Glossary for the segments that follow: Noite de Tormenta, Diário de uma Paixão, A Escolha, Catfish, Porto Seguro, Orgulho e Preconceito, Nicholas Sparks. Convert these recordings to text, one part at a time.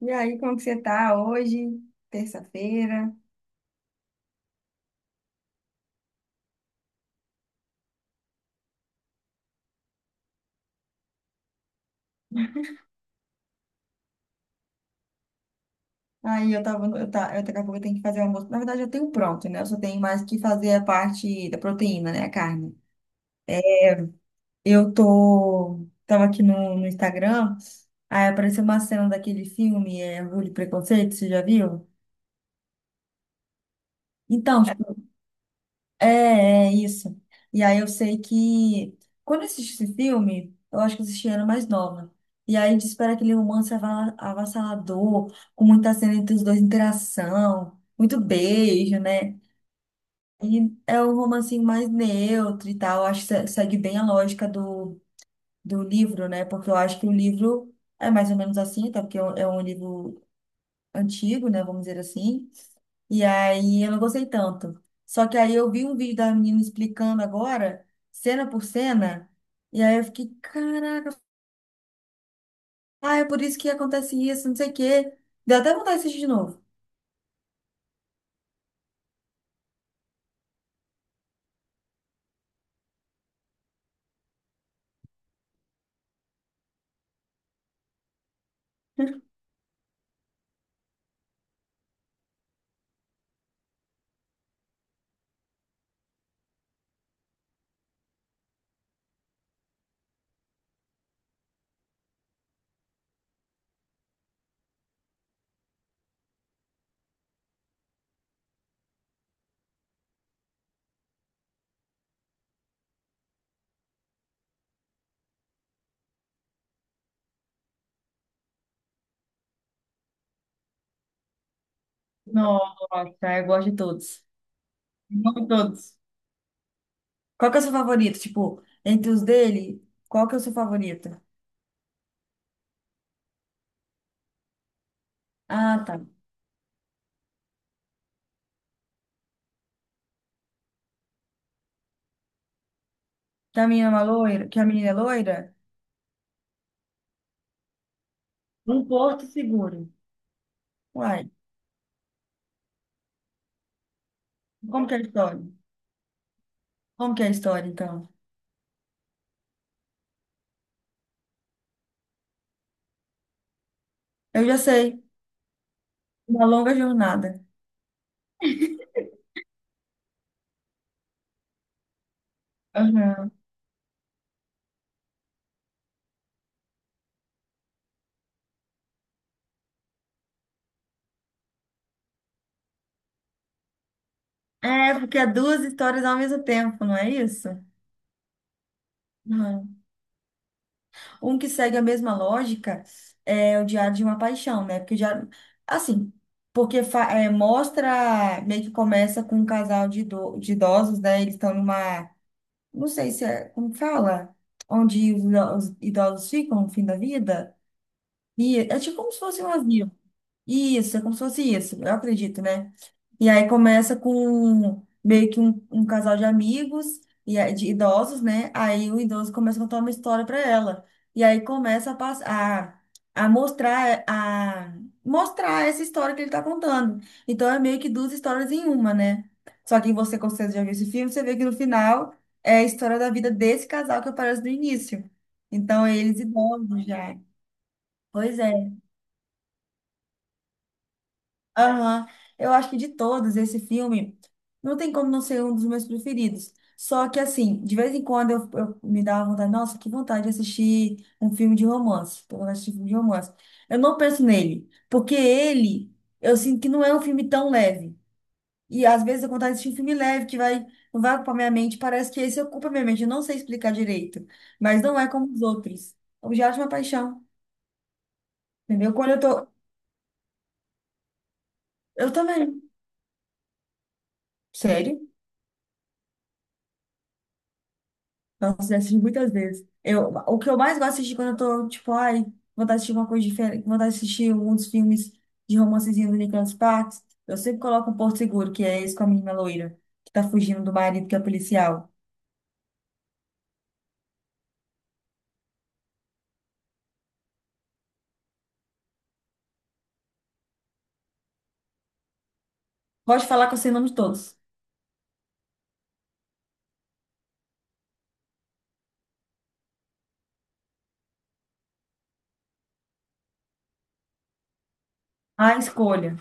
E aí, como que você tá hoje? Terça-feira. Aí eu tava, no- eu tá, eu daqui a pouco eu tenho que fazer o almoço. Na verdade, eu tenho pronto, né? Eu só tenho mais que fazer a parte da proteína, né? A carne. Tava aqui no Instagram, aí apareceu uma cena daquele filme, é, Orgulho e Preconceito, você já viu? Então, tipo É, é isso. E aí eu sei que quando eu assisti esse filme, eu acho que eu assisti era mais nova. E aí diz para aquele romance avassalador, com muita cena entre os dois, interação, muito beijo, né? E é um romancinho mais neutro e tal. Acho que segue bem a lógica do livro, né? Porque eu acho que o livro é mais ou menos assim, até porque é um livro antigo, né? Vamos dizer assim. E aí eu não gostei tanto. Só que aí eu vi um vídeo da menina explicando agora, cena por cena, e aí eu fiquei, caraca, ah, é por isso que acontece isso, não sei o quê. Deu até vontade de assistir de novo. Nossa, eu gosto de todos. Amo todos. Qual que é o seu favorito? Tipo, entre os dele, qual que é o seu favorito? Ah, tá. Que a menina é uma loira, que a menina é loira? Um porto seguro. Uai, como que é a história? Como que é a história, então? Eu já sei. Uma longa jornada. Aham. É, porque é duas histórias ao mesmo tempo, não é isso? Aham. Um que segue a mesma lógica é o Diário de uma Paixão, né? Porque o diário, assim, porque mostra, meio que começa com um casal de, de idosos, né? Eles estão numa, não sei se é, como fala? Onde os idosos ficam no fim da vida. E é tipo como se fosse um asilo. Isso, é como se fosse isso, eu acredito, né? E aí começa com meio que um casal de amigos de idosos, né? Aí o idoso começa a contar uma história para ela. E aí começa a mostrar essa história que ele tá contando. Então é meio que duas histórias em uma, né? Só que você, com certeza, já viu esse filme, você vê que no final é a história da vida desse casal que aparece no início. Então, é eles idosos já. Pois é. Aham. Eu acho que de todos, esse filme não tem como não ser um dos meus preferidos. Só que, assim, de vez em quando eu me dava vontade, nossa, que vontade de assistir um filme de romance. Tô vontade de assistir um filme de romance. Eu não penso nele, porque ele, eu sinto que não é um filme tão leve. E às vezes eu tenho vontade de assistir um filme leve não vai ocupar minha mente. Parece que esse ocupa minha mente. Eu não sei explicar direito, mas não é como os outros. Objeto de uma paixão, entendeu? Quando eu tô. Eu também. Sério? Nossa, já assisti muitas vezes. Eu, o que eu mais gosto de assistir quando eu tô, tipo, ai, vontade de assistir uma coisa diferente, vontade de assistir um dos filmes de romancezinho do Nicholas Sparks, eu sempre coloco o Porto Seguro, que é esse com a menina loira, que tá fugindo do marido, que é policial. Pode falar que eu sei o nome de todos. A escolha.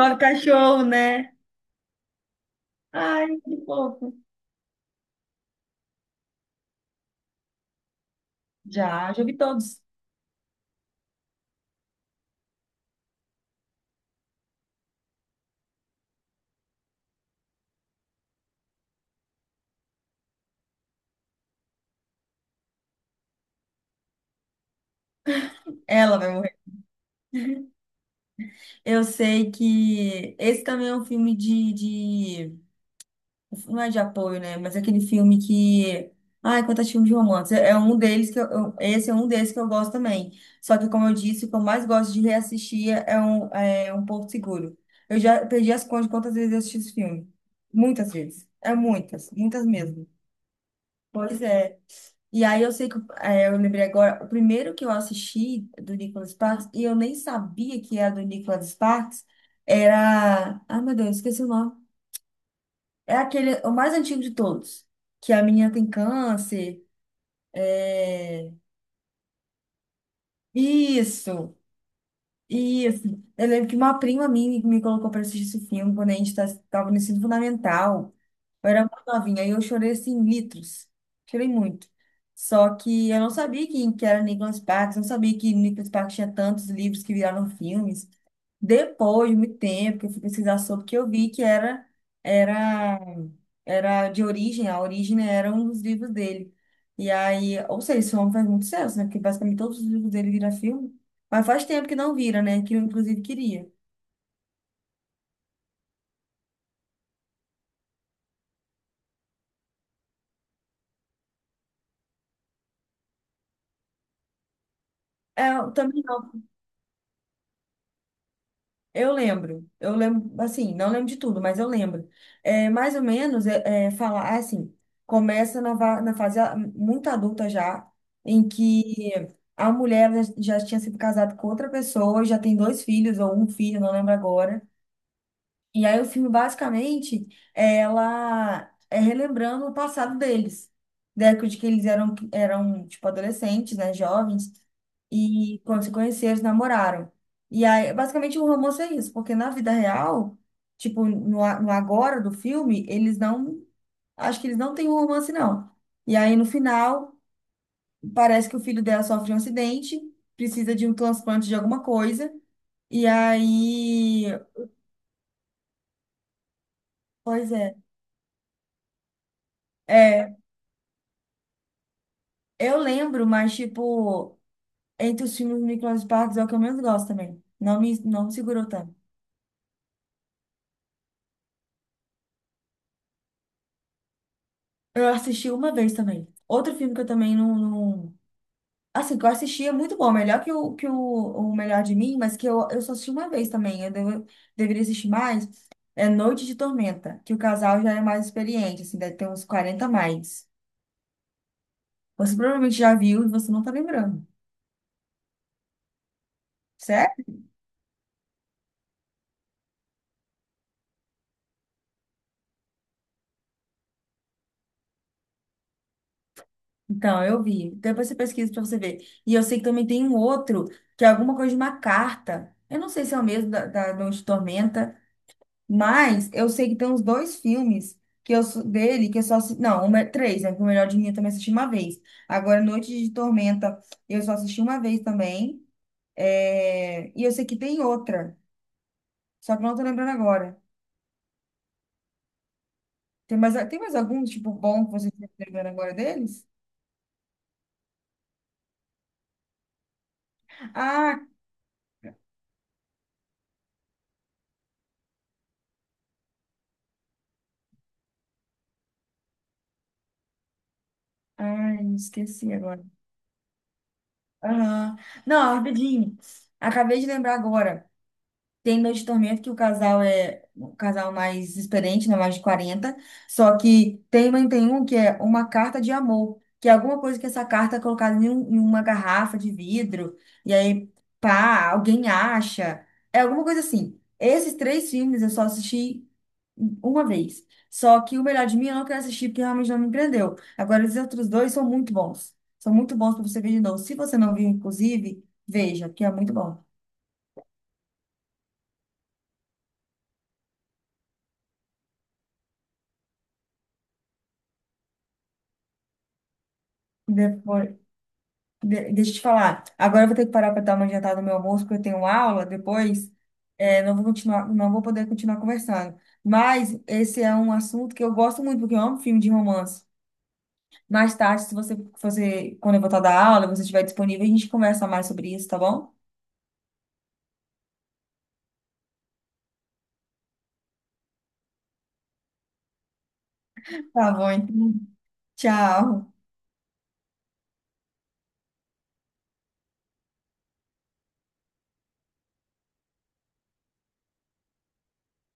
Nove cachorro, né? Ai, que fofo. Já, já vi todos. Ela vai morrer. Eu sei que esse também é um filme de, Não é de apoio, né? Mas é aquele filme que. Ai, quantos filmes de romance. É um deles que Esse é um deles que eu gosto também. Só que, como eu disse, o que eu mais gosto de reassistir é é um Porto Seguro. Eu já perdi as contas de quantas vezes eu assisti esse filme. Muitas vezes. É muitas, muitas mesmo. Pois é. E aí eu sei que é, eu lembrei agora, o primeiro que eu assisti do Nicholas Sparks, e eu nem sabia que era do Nicholas Sparks, era. Ai, meu Deus, esqueci o nome. É aquele, o mais antigo de todos. Que a menina tem câncer. É... Isso, isso. Eu lembro que uma prima minha me colocou para assistir esse filme quando a gente estava no ensino fundamental. Eu era muito novinha e eu chorei assim, litros. Chorei muito. Só que eu não sabia quem que era Nicholas Sparks, não sabia que Nicholas Sparks tinha tantos livros que viraram filmes. Depois de muito tempo que eu fui pesquisar sobre, que eu vi que era era de origem, a origem né, era um dos livros dele. E aí, ou seja, esse homem faz muito sucesso, né? Porque basicamente todos os livros dele viram filme. Mas faz tempo que não vira, né? Que eu, inclusive, queria. É, eu também não. Eu lembro, assim, não lembro de tudo, mas eu lembro. É, mais ou menos, falar assim, começa na fase muito adulta já, em que a mulher já tinha sido casada com outra pessoa, já tem dois filhos ou um filho, não lembro agora. E aí o filme basicamente é ela relembrando o passado deles, da época de que eles eram tipo adolescentes, né, jovens, e quando se conheceram, se namoraram. E aí basicamente o romance é isso, porque na vida real, tipo no agora do filme, eles não acho que eles não têm um romance não. E aí no final parece que o filho dela sofre um acidente, precisa de um transplante de alguma coisa, e aí, pois é. É, Eu lembro, mas, tipo, entre os filmes do Nicolas Sparks é o que eu menos gosto também. Não me segurou tanto. Eu assisti uma vez também. Outro filme que eu também Assim, que eu assisti é muito bom. Melhor que o Melhor de Mim, mas que eu só assisti uma vez também. Deveria assistir mais. É Noite de Tormenta, que o casal já é mais experiente, assim, deve ter uns 40 a mais. Você provavelmente já viu e você não tá lembrando. Então, eu vi. Depois você pesquisa para você ver. E eu sei que também tem um outro, que é alguma coisa de uma carta. Eu não sei se é o mesmo da Noite de Tormenta, mas eu sei que tem uns dois filmes que dele que eu só assisti. Não, uma, é, três, né? Porque O Melhor de Mim eu também assisti uma vez. Agora, Noite de Tormenta, eu só assisti uma vez também. É, E eu sei que tem outra, só que eu não tô lembrando agora. Tem mais algum, tipo, bom que você está lembrando agora deles? Ah, ai, esqueci agora. Aham. Não, rapidinho. Acabei de lembrar agora. Tem Noite de Tormento, que o casal é um casal mais experiente, né? Mais de 40, Só que tem, mas tem um que é uma carta de amor, que é alguma coisa que essa carta é colocada em, em uma garrafa de vidro, e aí, pá, alguém acha. É alguma coisa assim. Esses três filmes eu só assisti uma vez. Só que o Melhor de Mim eu não quero assistir porque realmente não me prendeu. Agora, os outros dois são muito bons. São muito bons para você ver de novo. Se você não viu, inclusive, veja, que é muito bom. Depois. Deixa eu te falar. Agora eu vou ter que parar para dar uma adiantada no meu almoço, porque eu tenho aula depois. É, não vou poder continuar conversando. Mas esse é um assunto que eu gosto muito, porque eu amo filme de romance. Mais tarde, se você, quando eu voltar da aula, você estiver disponível, a gente conversa mais sobre isso, tá bom? Tá bom, então. Tchau.